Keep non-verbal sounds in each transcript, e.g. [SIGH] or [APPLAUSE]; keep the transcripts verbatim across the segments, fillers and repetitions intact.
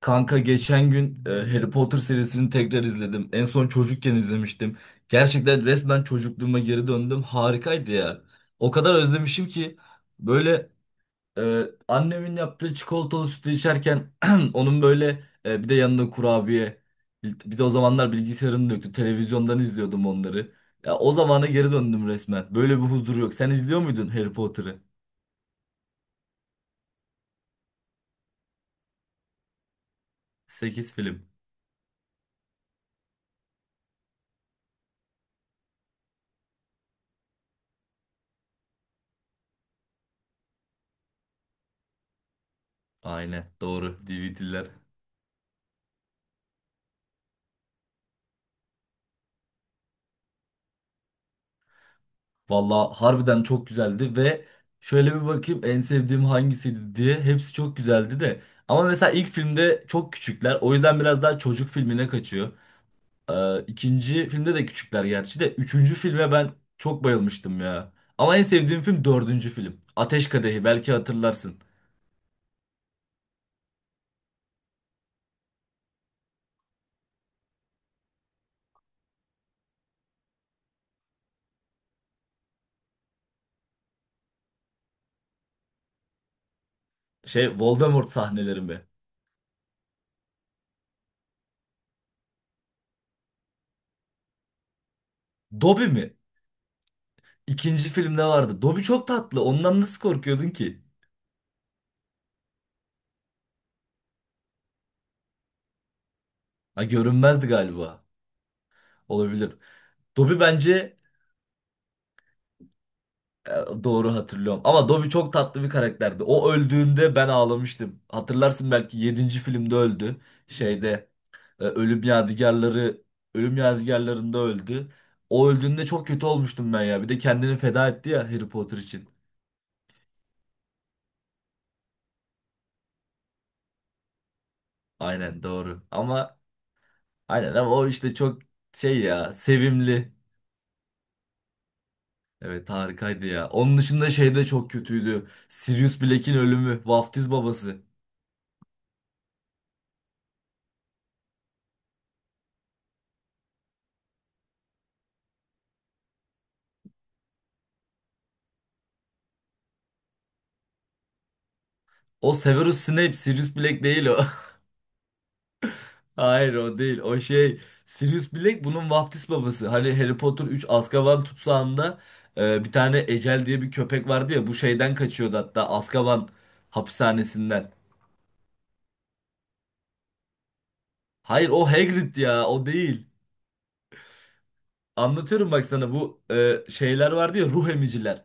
Kanka geçen gün e, Harry Potter serisini tekrar izledim. En son çocukken izlemiştim. Gerçekten resmen çocukluğuma geri döndüm. Harikaydı ya. O kadar özlemişim ki böyle e, annemin yaptığı çikolatalı sütü içerken [CLEARS THROAT] onun böyle, e, bir de yanında kurabiye. Bir de o zamanlar bilgisayarım da yoktu. Televizyondan izliyordum onları. Ya o zamana geri döndüm resmen. Böyle bir huzur yok. Sen izliyor muydun Harry Potter'ı? Sekiz film. Aynen doğru. D V D'ler. Valla harbiden çok güzeldi ve şöyle bir bakayım en sevdiğim hangisiydi diye, hepsi çok güzeldi de. Ama mesela ilk filmde çok küçükler, o yüzden biraz daha çocuk filmine kaçıyor. Ee, ikinci filmde de küçükler gerçi, de üçüncü filme ben çok bayılmıştım ya. Ama en sevdiğim film dördüncü film. Ateş Kadehi, belki hatırlarsın. Şey, Voldemort sahneleri mi? Dobby mi? İkinci filmde vardı. Dobby çok tatlı, ondan nasıl korkuyordun ki? Ha, görünmezdi galiba. Olabilir. Dobby bence. E, Doğru hatırlıyorum. Ama Dobby çok tatlı bir karakterdi. O öldüğünde ben ağlamıştım. Hatırlarsın, belki yedinci filmde öldü. Şeyde, e, Ölüm Yadigarları, Ölüm Yadigarlarında öldü. O öldüğünde çok kötü olmuştum ben ya. Bir de kendini feda etti ya Harry Potter için. Aynen doğru. Ama aynen, ama o işte çok şey ya, sevimli. Evet, harikaydı ya. Onun dışında şey de çok kötüydü. Sirius Black'in ölümü. Vaftiz babası. O Severus Snape, Sirius Black değil o. [LAUGHS] Hayır, o değil. O şey, Sirius Black bunun vaftiz babası. Hani Harry Potter üç Azkaban tutsağında e, bir tane Ecel diye bir köpek vardı ya, bu şeyden kaçıyordu hatta Azkaban hapishanesinden. Hayır, o Hagrid ya, o değil. Anlatıyorum bak sana, bu e, şeyler vardı ya, ruh emiciler.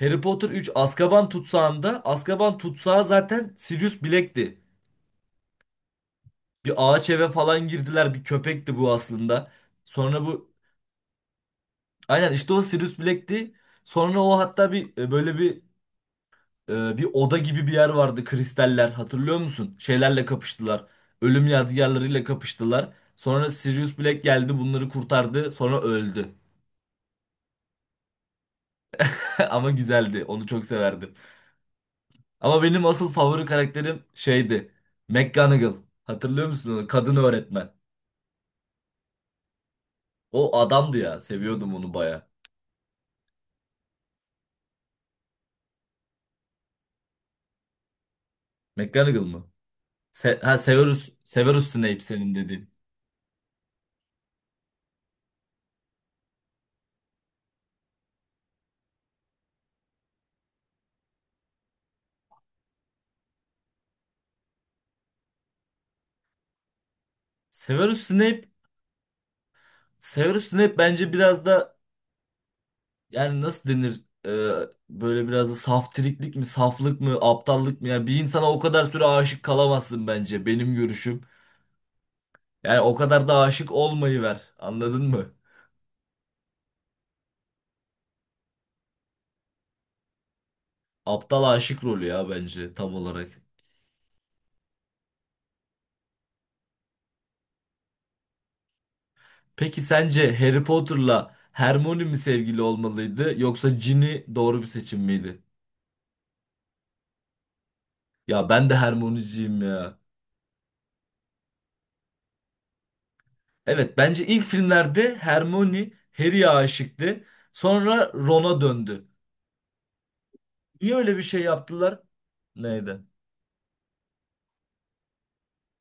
Harry Potter üç Azkaban tutsağında, Azkaban tutsağı zaten Sirius Black'ti. Bir ağaç eve falan girdiler, bir köpekti bu aslında. Sonra bu. Aynen işte, o Sirius Black'ti. Sonra o hatta bir e, böyle bir e, bir oda gibi bir yer vardı, kristaller, hatırlıyor musun? Şeylerle kapıştılar. Ölüm Yadigarlarıyla kapıştılar. Sonra Sirius Black geldi, bunları kurtardı, sonra öldü. [LAUGHS] Ama güzeldi, onu çok severdim. Ama benim asıl favori karakterim şeydi. McGonagall. Hatırlıyor musun onu? Kadın öğretmen. O adamdı ya, seviyordum onu baya. McGonagall mı? Se ha Severus, Severus Snape, senin dediğin. Severus Snape, Severus Snape bence biraz da, yani nasıl denir? Ee, Böyle biraz da saftiriklik mi, saflık mı, aptallık mı? Yani bir insana o kadar süre aşık kalamazsın, bence benim görüşüm. Yani o kadar da aşık olmayı ver, anladın mı? Aptal aşık rolü ya, bence tam olarak. Peki sence Harry Potter'la Hermione mi sevgili olmalıydı, yoksa Ginny doğru bir seçim miydi? Ya, ben de Hermione'ciyim ya. Evet, bence ilk filmlerde Hermione Harry'ye aşıktı. Sonra Ron'a döndü. Niye öyle bir şey yaptılar? Neydi?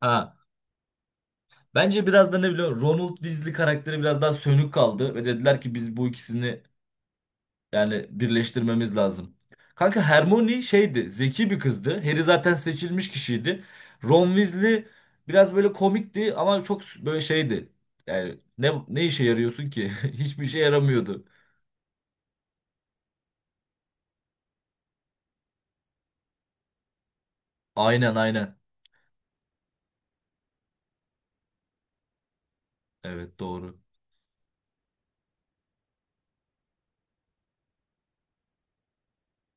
Ha. Bence biraz da, ne biliyor musun? Ronald Weasley karakteri biraz daha sönük kaldı ve dediler ki, biz bu ikisini yani birleştirmemiz lazım. Kanka, Hermione şeydi, zeki bir kızdı. Harry zaten seçilmiş kişiydi. Ron Weasley biraz böyle komikti, ama çok böyle şeydi. Yani ne ne işe yarıyorsun ki? [LAUGHS] Hiçbir şey yaramıyordu. Aynen, aynen. Evet doğru.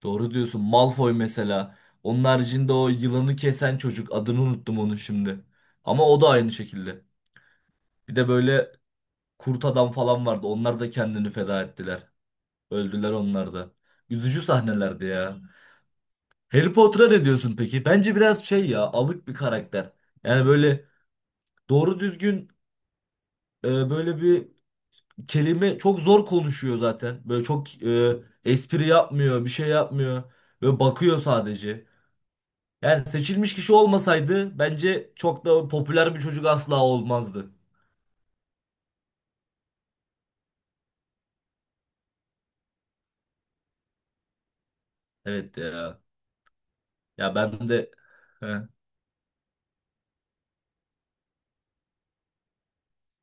Doğru diyorsun. Malfoy mesela. Onun haricinde o yılanı kesen çocuk. Adını unuttum onun şimdi. Ama o da aynı şekilde. Bir de böyle kurt adam falan vardı. Onlar da kendini feda ettiler. Öldüler onlar da. Üzücü sahnelerdi ya. Harry Potter'a ne diyorsun peki? Bence biraz şey ya, alık bir karakter. Yani böyle doğru düzgün, e, böyle bir kelime çok zor konuşuyor zaten. Böyle çok e, espri yapmıyor, bir şey yapmıyor. Böyle bakıyor sadece. Yani seçilmiş kişi olmasaydı, bence çok da popüler bir çocuk asla olmazdı. Evet ya. Ya ben de. Heh,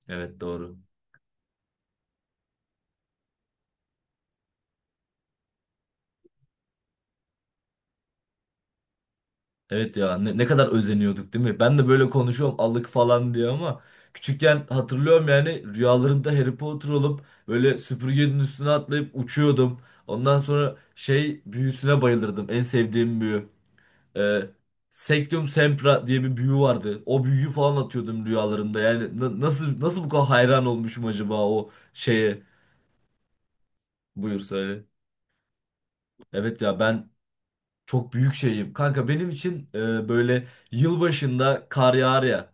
evet doğru. Evet ya, ne, ne kadar özeniyorduk değil mi? Ben de böyle konuşuyorum, alık falan diye, ama küçükken hatırlıyorum, yani rüyalarımda Harry Potter olup böyle süpürgenin üstüne atlayıp uçuyordum. Ondan sonra şey büyüsüne bayılırdım. En sevdiğim büyü. E, Sectum Sempra diye bir büyü vardı. O büyüyü falan atıyordum rüyalarımda. Yani na- nasıl nasıl bu kadar hayran olmuşum acaba o şeye? Buyur söyle. Evet ya, ben çok büyük şeyim. Kanka benim için e, böyle, yılbaşında kar yağar ya.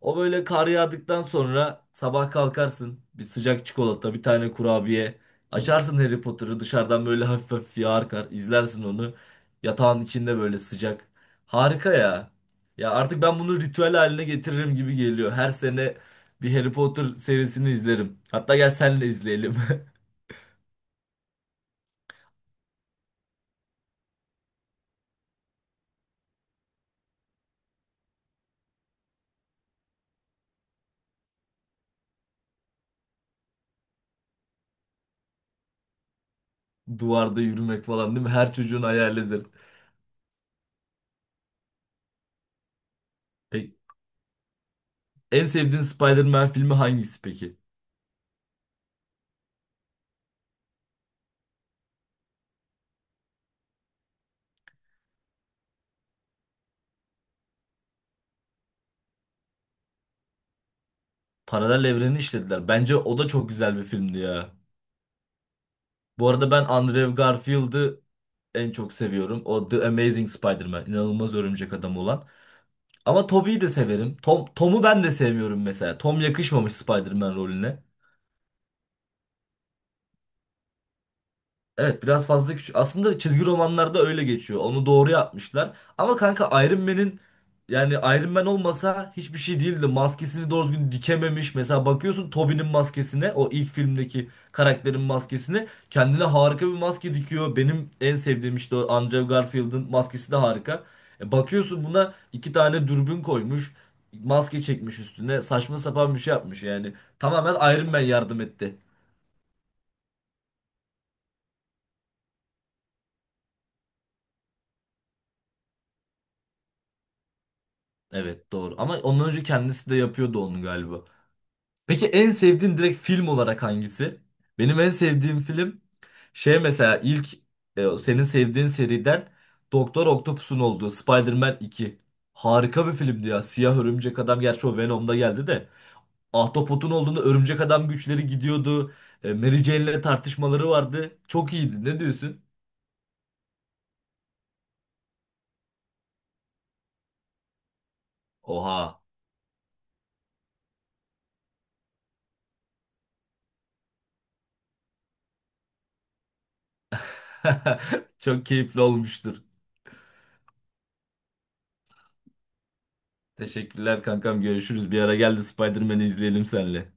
O böyle kar yağdıktan sonra sabah kalkarsın. Bir sıcak çikolata, bir tane kurabiye. Açarsın Harry Potter'ı, dışarıdan böyle hafif hafif yağar kar, izlersin onu. Yatağın içinde böyle, sıcak. Harika ya. Ya artık ben bunu ritüel haline getiririm gibi geliyor. Her sene bir Harry Potter serisini izlerim. Hatta gel senle izleyelim. [LAUGHS] Duvarda yürümek falan değil mi? Her çocuğun hayalidir. Peki, en sevdiğin Spider-Man filmi hangisi peki? Paralel evreni işlediler. Bence o da çok güzel bir filmdi ya. Bu arada ben Andrew Garfield'ı en çok seviyorum. O The Amazing Spider-Man, inanılmaz örümcek adam olan. Ama Tobey'i de severim. Tom, Tom'u ben de sevmiyorum mesela. Tom yakışmamış Spider-Man rolüne. Evet, biraz fazla küçük. Aslında çizgi romanlarda öyle geçiyor. Onu doğru yapmışlar. Ama kanka, Iron Man'in, yani Iron Man olmasa hiçbir şey değildi. Maskesini doğru düzgün dikememiş. Mesela bakıyorsun Tobey'nin maskesine, o ilk filmdeki karakterin maskesine, kendine harika bir maske dikiyor. Benim en sevdiğim işte o, Andrew Garfield'ın maskesi de harika. E, bakıyorsun, buna iki tane dürbün koymuş. Maske çekmiş üstüne. Saçma sapan bir şey yapmış yani. Tamamen Iron Man yardım etti. Evet doğru. Ama ondan önce kendisi de yapıyordu onu galiba. Peki, en sevdiğin direkt film olarak hangisi? Benim en sevdiğim film şey, mesela ilk e, o senin sevdiğin seriden Doktor Octopus'un olduğu Spider-Man iki. Harika bir filmdi ya. Siyah Örümcek Adam, gerçi o Venom'da geldi de. Ahtapot'un olduğunda Örümcek Adam güçleri gidiyordu. E, Mary Jane'le tartışmaları vardı. Çok iyiydi. Ne diyorsun? Oha. [LAUGHS] Çok keyifli olmuştur. Teşekkürler kankam. Görüşürüz. Bir ara gel de Spider-Man'i izleyelim senle.